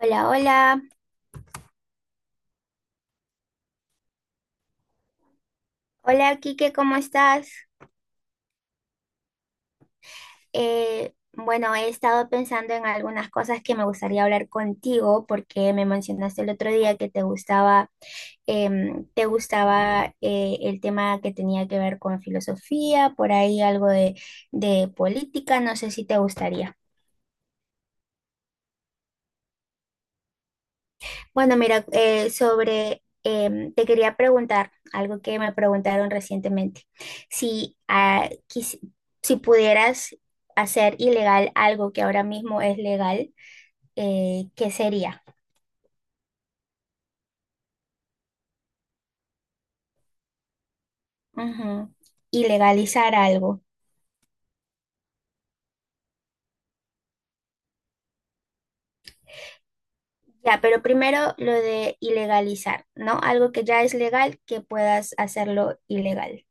Hola, hola. Hola, Kike. ¿Cómo estás? Bueno, he estado pensando en algunas cosas que me gustaría hablar contigo porque me mencionaste el otro día que te gustaba, el tema que tenía que ver con filosofía, por ahí algo de política, no sé si te gustaría. Bueno, mira, sobre, te quería preguntar algo que me preguntaron recientemente. Si, ah, quis- si pudieras hacer ilegal algo que ahora mismo es legal, ¿qué sería? Ujú. Ilegalizar algo. Ya, pero primero lo de ilegalizar, ¿no? Algo que ya es legal, que puedas hacerlo ilegal.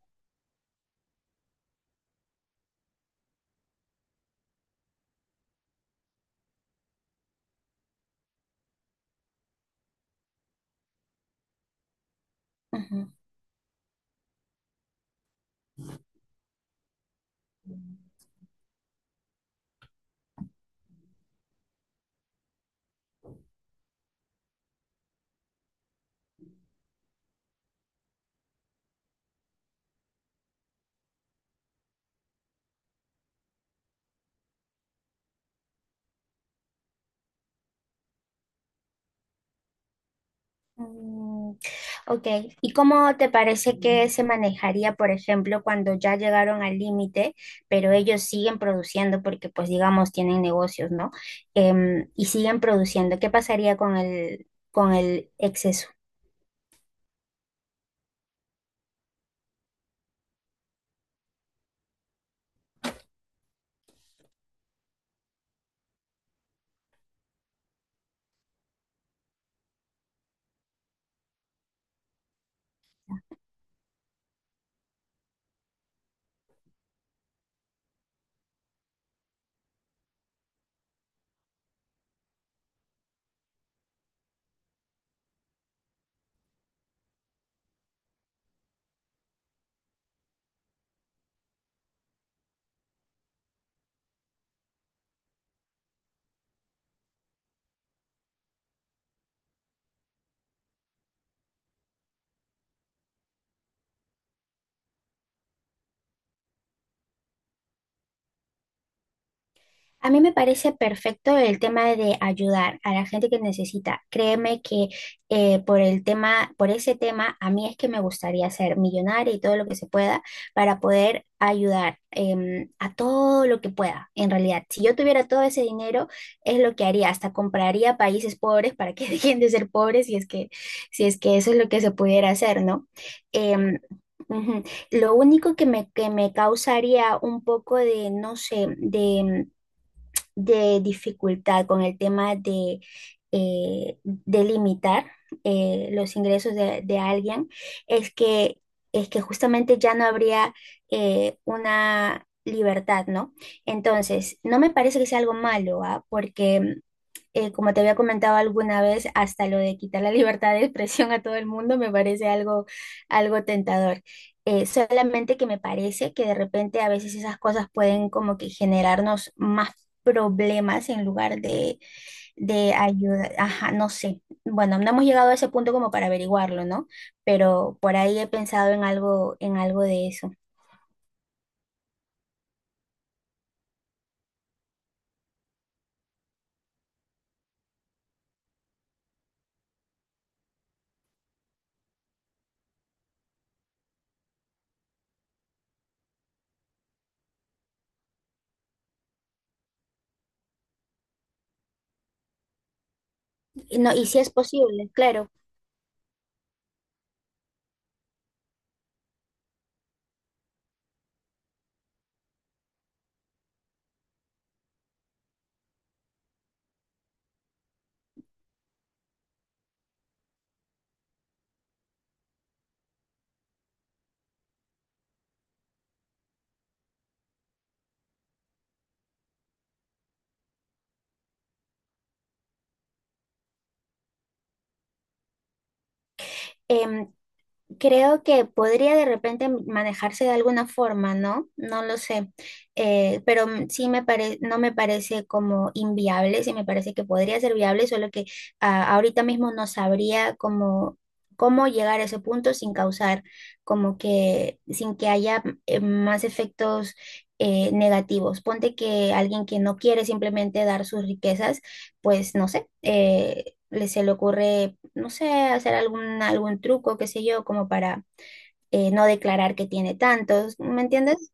Ujú. Mm, ok, ¿y cómo te parece que se manejaría, por ejemplo, cuando ya llegaron al límite, pero ellos siguen produciendo porque, pues, digamos, tienen negocios, ¿no? Y siguen produciendo. ¿Qué pasaría con el ex... A mí me parece perfecto el tema de ayudar a la gente que necesita. Créeme que por el tema, por ese tema, a mí es que me gustaría ser millonaria y todo lo que se pueda para poder ayudar a todo lo que pueda, en realidad. Si yo tuviera todo ese dinero, es lo que haría. Hasta compraría países pobres para que dejen de ser pobres, si es que, si es que eso es lo que se pudiera hacer, ¿no? Em, Ujú. Lo único que me, causaría un poco de, no sé, de dificultad con el tema de limitar los ingresos de, alguien es que, es que justamente ya no habría una libertad, ¿no? Entonces, no me parece que sea algo malo, ¿ah? Porque como te había comentado alguna vez, hasta lo de quitar la libertad de expresión a todo el mundo me parece algo, tentador. Solamente que me parece que de repente a veces esas cosas pueden como que generarnos más problemas en lugar de ayuda. Ajá, no sé. Bueno, no hemos llegado a ese punto como para averiguarlo, ¿no? Pero por ahí he pensado en algo de eso. Y no, y si es posible, claro. Em, Creo que podría de repente manejarse de alguna forma, ¿no? No lo sé. Pero sí me parece, no me parece como inviable, sí me parece que podría ser viable, solo que ahorita mismo no sabría cómo, cómo llegar a ese punto sin causar como que, sin que haya más efectos negativos. Ponte que alguien que no quiere simplemente dar sus riquezas, pues no sé, le se le ocurre no sé, hacer algún, truco, qué sé yo, como para no declarar que tiene tantos, ¿me entiendes?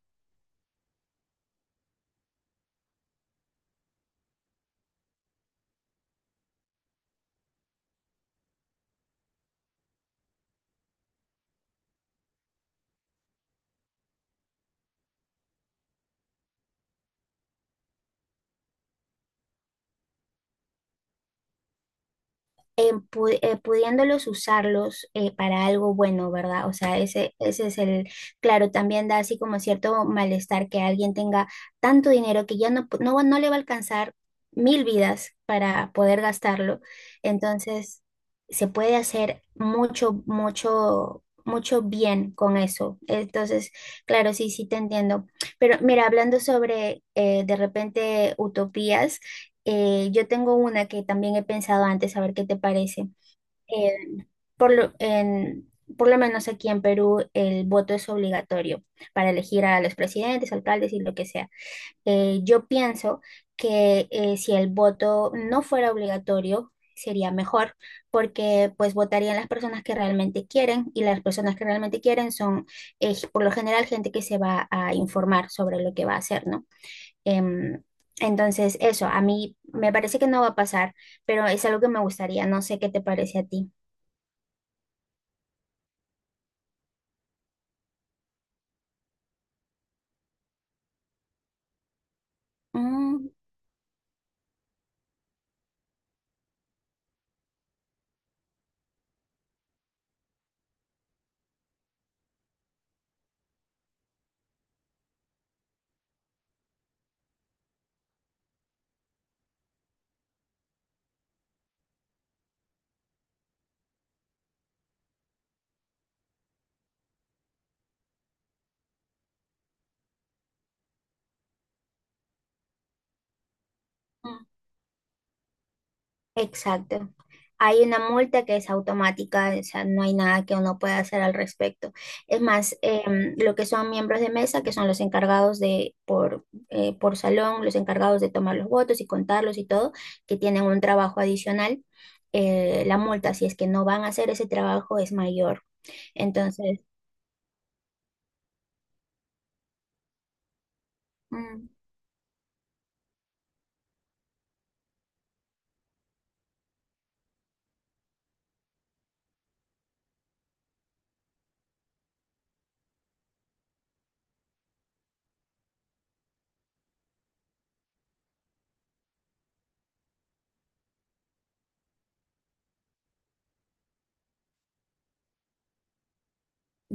Pudiéndolos usarlos para algo bueno, ¿verdad? O sea, ese es el, claro, también da así como cierto malestar que alguien tenga tanto dinero que ya no, no le va a alcanzar mil vidas para poder gastarlo. Entonces, se puede hacer mucho, mucho, mucho bien con eso. Entonces, claro, sí, sí te entiendo. Pero mira, hablando sobre de repente utopías. Yo tengo una que también he pensado antes, a ver qué te parece. Eh, por lo, en- por lo menos aquí en Perú el voto es obligatorio para elegir a los presidentes, alcaldes y lo que sea. Yo pienso que si el voto no fuera obligatorio, sería mejor, porque pues votarían las personas que realmente quieren y las personas que realmente quieren son por lo general gente que se va a informar sobre lo que va a hacer, ¿no? Em, entonces, eso, a mí me parece que no va a pasar, pero es algo que me gustaría, no sé qué te parece a ti. Mm, mm, exacto. Hay una multa que es automática, o sea, no hay nada que uno pueda hacer al respecto. Es más, lo que son miembros de mesa, que son los encargados por salón, los encargados de tomar los votos y contarlos y todo, que tienen un trabajo adicional, la multa, si es que no van a hacer ese trabajo, es mayor. Entonces. mm,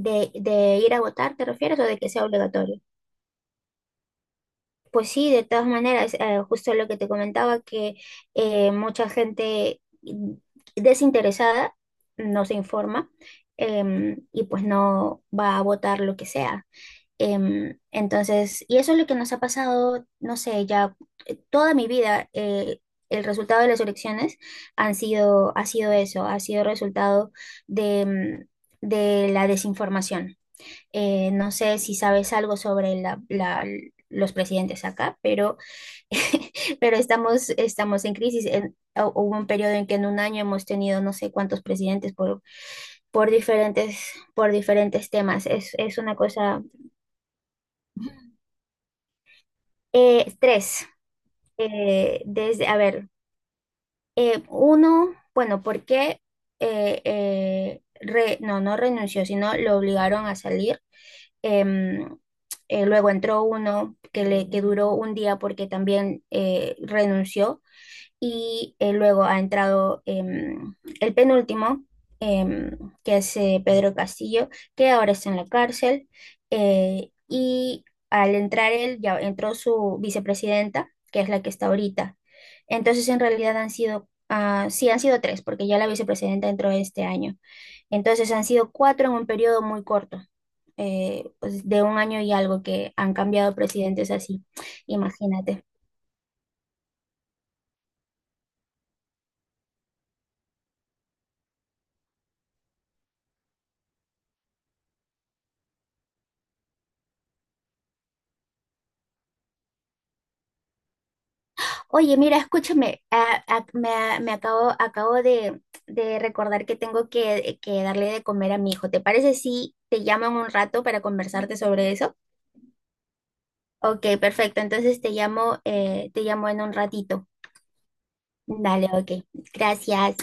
de ir a votar, ¿te refieres? ¿O de que sea obligatorio? Pues sí, de todas maneras, justo lo que te comentaba, que mucha gente desinteresada no se informa y pues no va a votar lo que sea. Entonces, y eso es lo que nos ha pasado, no sé, ya toda mi vida, el resultado de las elecciones han sido, ha sido eso, ha sido resultado de, em, de la desinformación. No sé si sabes algo sobre los presidentes acá, pero, pero estamos en crisis. Hubo un periodo en que en un año hemos tenido no sé cuántos presidentes por diferentes temas. Es una cosa... Tres. Desde, a ver, uno, bueno, ¿por qué? No, no renunció, sino lo obligaron a salir. Em, Luego entró uno que duró un día porque también renunció. Y luego ha entrado el penúltimo, em, que es Pedro Castillo, que ahora está en la cárcel. Y al entrar él, ya entró su vicepresidenta, que es la que está ahorita. Entonces, en realidad sí, han sido tres, porque ya la vicepresidenta entró este año. Entonces han sido cuatro en un periodo muy corto, pues, de un año y algo que han cambiado presidentes así, imagínate. Oye, mira, escúchame, me acabo de, recordar que tengo que darle de comer a mi hijo. ¿Te parece si te llamo en un rato para conversarte sobre eso? Ok, perfecto, entonces te llamo en un ratito. Dale, ok, gracias.